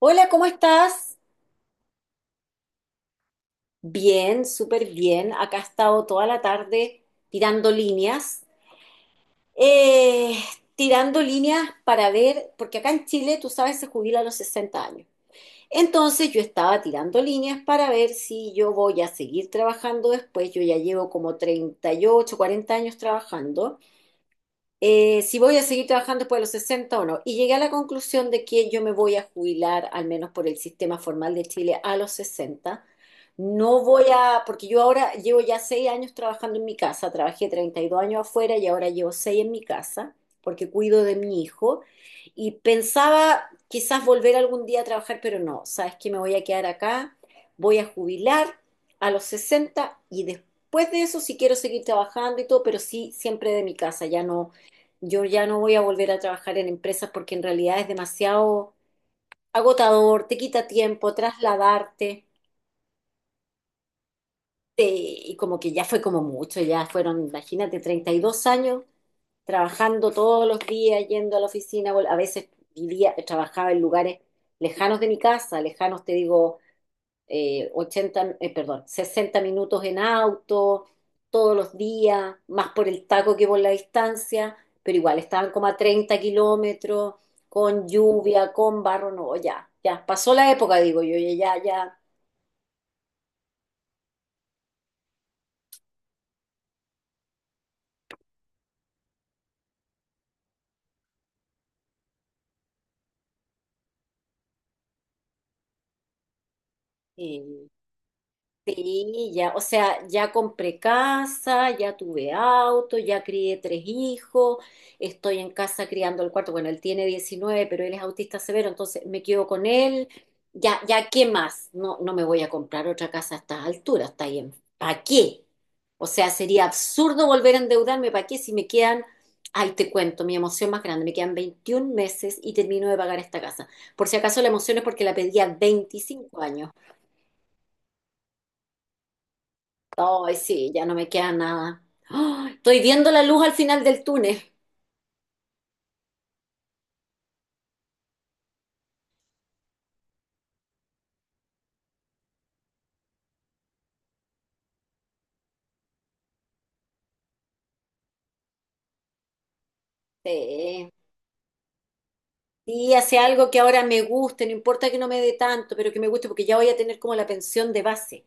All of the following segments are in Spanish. Hola, ¿cómo estás? Bien, súper bien. Acá he estado toda la tarde tirando líneas. Eh, tirando líneas para ver, porque acá en Chile, tú sabes, se jubila a los 60 años. Entonces yo estaba tirando líneas para ver si yo voy a seguir trabajando después. Yo ya llevo como treinta, y ocho, cuarenta años trabajando. Si voy a seguir trabajando después de los 60 o no. Y llegué a la conclusión de que yo me voy a jubilar, al menos por el sistema formal de Chile, a los 60. No voy a, porque yo ahora llevo ya 6 años trabajando en mi casa, trabajé 32 años afuera y ahora llevo 6 en mi casa, porque cuido de mi hijo. Y pensaba quizás volver algún día a trabajar, pero no, sabes que me voy a quedar acá, voy a jubilar a los 60 y después de eso si quiero seguir trabajando y todo, pero sí siempre de mi casa, yo ya no voy a volver a trabajar en empresas porque en realidad es demasiado agotador, te quita tiempo, trasladarte, y como que ya fue como mucho, ya fueron, imagínate, 32 años trabajando todos los días, yendo a la oficina, a veces vivía, trabajaba en lugares lejanos de mi casa, lejanos te digo, 80, perdón, 60 minutos en auto, todos los días, más por el taco que por la distancia, pero igual estaban como a 30 kilómetros, con lluvia, con barro, no, ya, ya, pasó la época, digo yo, ya, ya, ya. Eh, Sí, ya, o sea, ya compré casa, ya tuve auto, ya crié tres hijos, estoy en casa criando el cuarto. Bueno, él tiene 19, pero él es autista severo, entonces me quedo con él. Ya, ya, ¿qué más? No, no me voy a comprar otra casa a estas alturas, está bien. ¿Para qué? O sea, sería absurdo volver a endeudarme, ¿para qué? Si me quedan, ahí te cuento, mi emoción más grande, me quedan 21 meses y termino de pagar esta casa. Por si acaso la emoción es porque la pedí a 25 años. Ay, sí, ya no me queda nada. ¡Ah! Estoy viendo la luz al final del túnel. Sí. Sí, hace algo que ahora me guste, no importa que no me dé tanto, pero que me guste porque ya voy a tener como la pensión de base.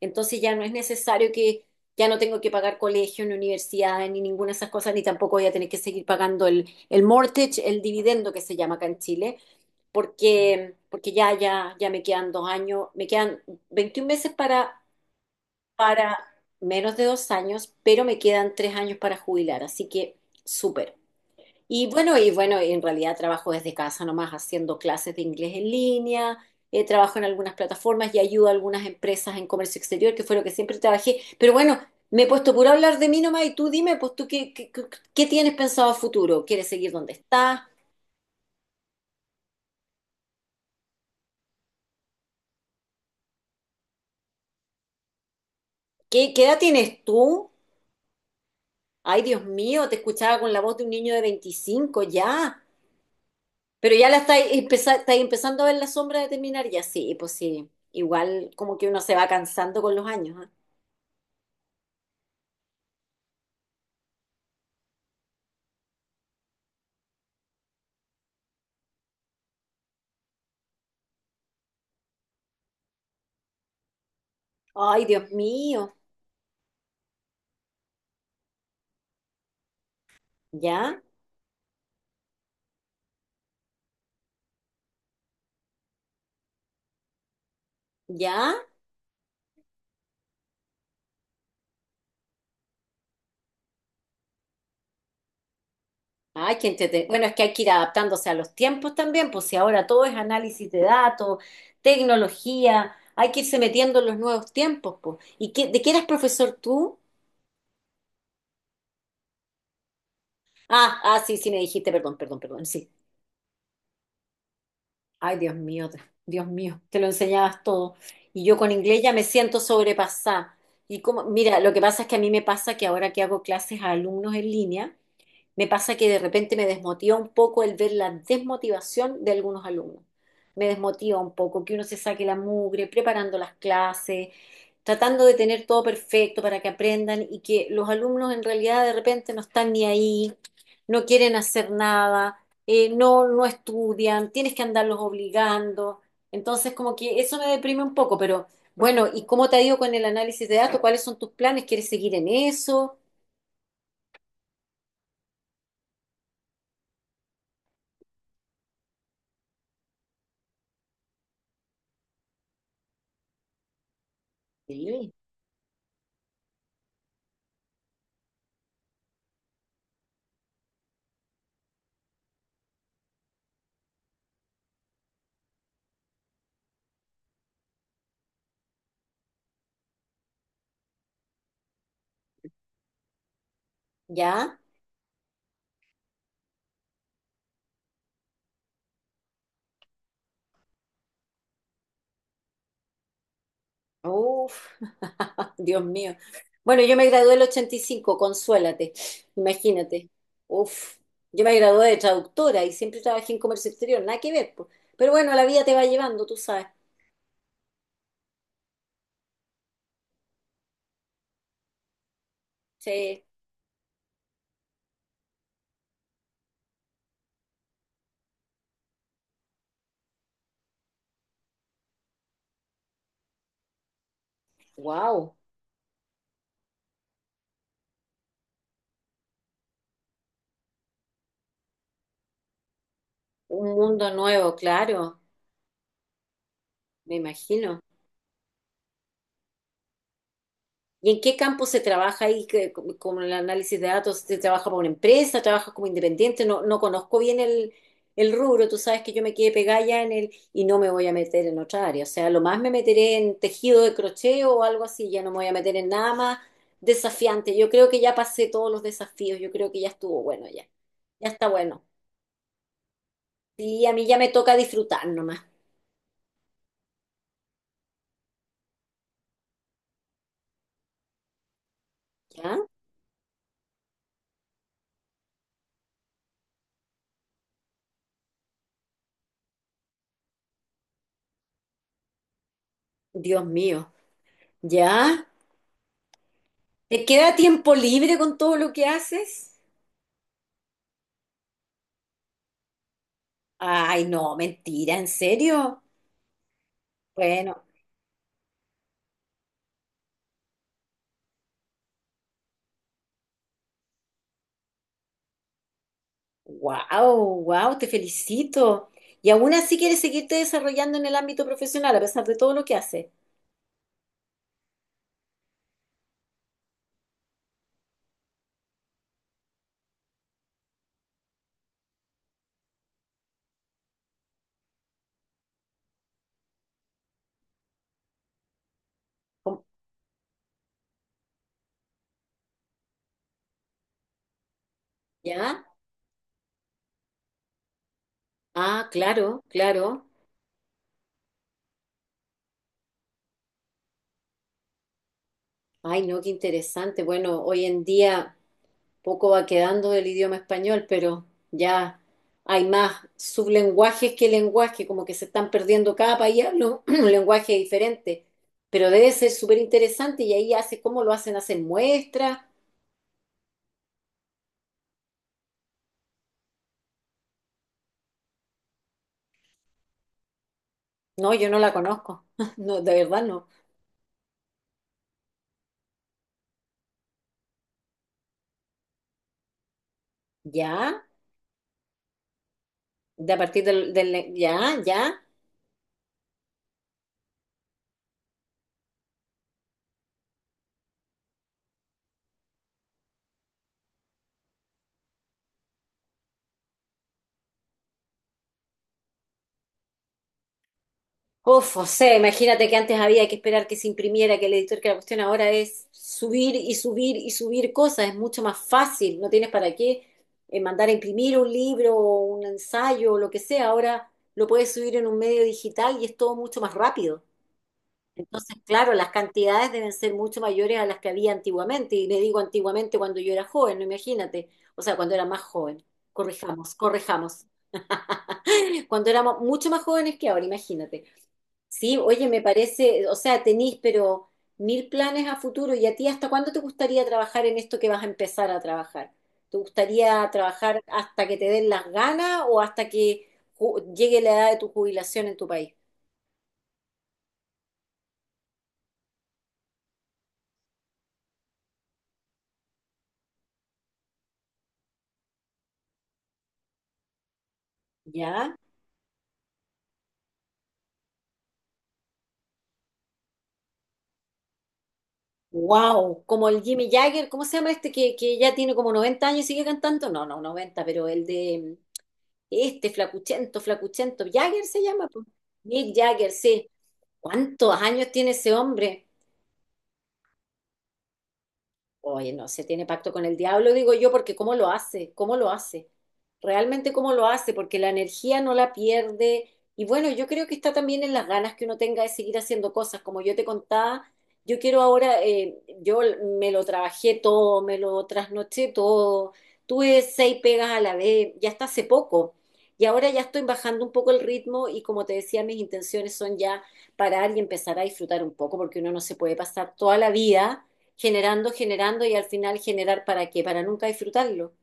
Entonces ya no es necesario que, ya no tengo que pagar colegio, ni universidad, ni ninguna de esas cosas, ni tampoco voy a tener que seguir pagando el, mortgage, el dividendo que se llama acá en Chile, porque ya, ya, ya me quedan 2 años, me quedan 21 meses para para menos de 2 años, pero me quedan 3 años para jubilar, así que súper. Y bueno, en realidad trabajo desde casa nomás haciendo clases de inglés en línea. Trabajo en algunas plataformas y ayudo a algunas empresas en comercio exterior, que fue lo que siempre trabajé. Pero bueno, me he puesto puro a hablar de mí nomás y tú dime, pues tú, ¿qué tienes pensado a futuro? ¿Quieres seguir donde estás? ¿Qué, qué edad tienes tú? Ay, Dios mío, te escuchaba con la voz de un niño de 25 ya. Pero ya la estáis empezando a ver la sombra de terminar ya, sí, pues sí. Igual como que uno se va cansando con los años, ¿ah? Ay, Dios mío. ¿Ya? ¿Ya? Ay, bueno, es que hay que ir adaptándose a los tiempos también, pues si ahora todo es análisis de datos, tecnología, hay que irse metiendo en los nuevos tiempos, pues. ¿Y qué, de qué eras profesor tú? Ah, ah, sí, sí, me dijiste, perdón, perdón, perdón, sí. Ay, Dios mío, Dios mío, te lo enseñabas todo. Y yo con inglés ya me siento sobrepasada. Y como, mira, lo que pasa es que a mí me pasa que ahora que hago clases a alumnos en línea, me pasa que de repente me desmotiva un poco el ver la desmotivación de algunos alumnos. Me desmotiva un poco que uno se saque la mugre preparando las clases, tratando de tener todo perfecto para que aprendan y que los alumnos en realidad de repente no están ni ahí, no quieren hacer nada, no, no estudian, tienes que andarlos obligando. Entonces como que eso me deprime un poco, pero bueno, ¿y cómo te ha ido con el análisis de datos? ¿Cuáles son tus planes? ¿Quieres seguir en eso? Sí. ¿Ya? Uf, Dios mío. Bueno, yo me gradué el 85. Consuélate, imagínate. Uf, yo me gradué de traductora y siempre trabajé en comercio exterior, nada que ver, po. Pero bueno, la vida te va llevando, tú sabes. Sí, wow, un mundo nuevo, claro, me imagino. ¿Y en qué campo se trabaja ahí con el análisis de datos? ¿Se trabaja para una empresa? ¿Trabajas como independiente? No, no conozco bien el rubro. Tú sabes que yo me quedé pegada ya en el y no me voy a meter en otra área. O sea, lo más me meteré en tejido de crochet o algo así. Ya no me voy a meter en nada más desafiante. Yo creo que ya pasé todos los desafíos. Yo creo que ya estuvo bueno ya. Ya está bueno. Sí, a mí ya me toca disfrutar nomás. ¿Ya? Dios mío. ¿Ya? ¿Te queda tiempo libre con todo lo que haces? Ay, no, mentira, ¿en serio? Bueno, wow, wow, te felicito. Y aún así quieres seguirte desarrollando en el ámbito profesional a pesar de todo lo que haces. ¿Cómo? ¿Ya? Ah, claro, claro. Ay, no, qué interesante. Bueno, hoy en día poco va quedando del idioma español, pero ya hay más sublenguajes que lenguaje, como que se están perdiendo cada país, habla un un lenguaje diferente. Pero debe ser súper interesante y ahí hace cómo lo hacen, hacen muestras. No, yo no la conozco. No, de verdad no. ¿Ya? De, a partir del. ¿Ya? ¿Ya? Uf, o sea, imagínate que antes había que esperar que se imprimiera, que el editor, que la cuestión ahora es subir y subir y subir cosas. Es mucho más fácil. No tienes para qué mandar a imprimir un libro o un ensayo o lo que sea. Ahora lo puedes subir en un medio digital y es todo mucho más rápido. Entonces, claro, las cantidades deben ser mucho mayores a las que había antiguamente. Y le digo antiguamente cuando yo era joven, no, imagínate. O sea, cuando era más joven. Corrijamos, corrijamos. Cuando éramos mucho más jóvenes que ahora, imagínate. Sí, oye, me parece, o sea, tenís, pero mil planes a futuro. ¿Y a ti hasta cuándo te gustaría trabajar en esto que vas a empezar a trabajar? ¿Te gustaría trabajar hasta que te den las ganas o hasta que llegue la edad de tu jubilación en tu país? ¿Ya? Wow, como el Jimmy Jagger, ¿cómo se llama este que ya tiene como 90 años y sigue cantando? No, no, 90, pero el de este flacuchento, flacuchento, Jagger se llama, po. Mick Jagger, sí. ¿Cuántos años tiene ese hombre? Oye, no se tiene pacto con el diablo, digo yo, porque ¿cómo lo hace? ¿Cómo lo hace? Realmente cómo lo hace, porque la energía no la pierde. Y bueno, yo creo que está también en las ganas que uno tenga de seguir haciendo cosas. Como yo te contaba, yo quiero ahora, yo me lo trabajé todo, me lo trasnoché todo, tuve seis pegas a la vez, ya hasta hace poco. Y ahora ya estoy bajando un poco el ritmo y como te decía, mis intenciones son ya parar y empezar a disfrutar un poco, porque uno no se puede pasar toda la vida generando, generando y al final generar para qué, para nunca disfrutarlo.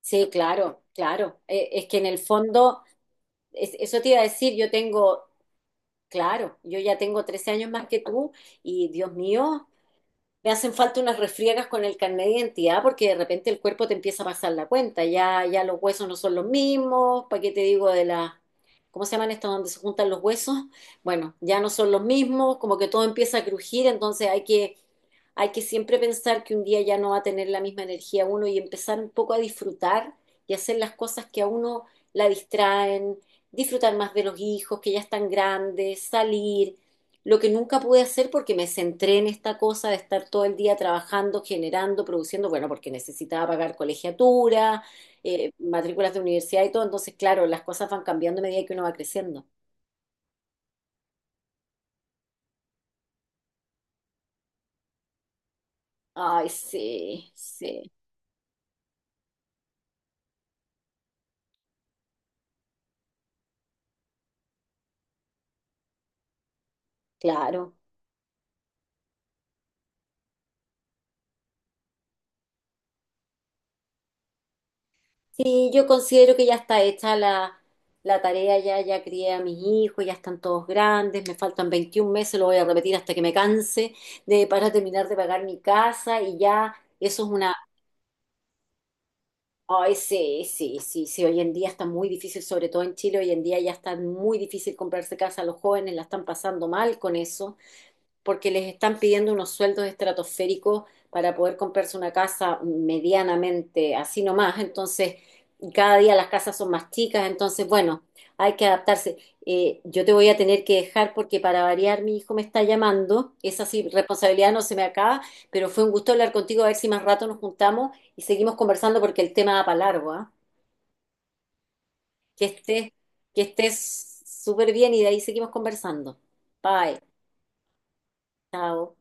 Sí, claro, claro. Es que en el fondo, eso te iba a decir, yo tengo, claro, yo ya tengo 13 años más que tú y Dios mío, me hacen falta unas refriegas con el carnet de identidad porque de repente el cuerpo te empieza a pasar la cuenta, ya, ya los huesos no son los mismos, ¿para qué te digo de la... ¿Cómo se llaman estas donde se juntan los huesos? Bueno, ya no son los mismos, como que todo empieza a crujir, entonces hay que, siempre pensar que un día ya no va a tener la misma energía uno y empezar un poco a disfrutar y hacer las cosas que a uno la distraen, disfrutar más de los hijos que ya están grandes, salir, lo que nunca pude hacer porque me centré en esta cosa de estar todo el día trabajando, generando, produciendo, bueno, porque necesitaba pagar colegiatura, matrículas de universidad y todo, entonces claro, las cosas van cambiando a medida que uno va creciendo. Ay, sí, sí, claro. Sí, yo considero que ya está hecha la tarea, ya, ya crié a mis hijos, ya están todos grandes, me faltan 21 meses, lo voy a repetir hasta que me canse de, para terminar de pagar mi casa y ya eso es una. Ay, sí, sí, sí, sí, hoy en día está muy difícil, sobre todo en Chile, hoy en día ya está muy difícil comprarse casa, los jóvenes la están pasando mal con eso porque les están pidiendo unos sueldos estratosféricos para poder comprarse una casa medianamente así nomás. Entonces, cada día las casas son más chicas, entonces, bueno, hay que adaptarse. Yo te voy a tener que dejar porque para variar mi hijo me está llamando, esa sí, responsabilidad no se me acaba, pero fue un gusto hablar contigo, a ver si más rato nos juntamos y seguimos conversando porque el tema da para largo, ¿ah? Que estés, que estés súper bien y de ahí seguimos conversando. Bye, chao.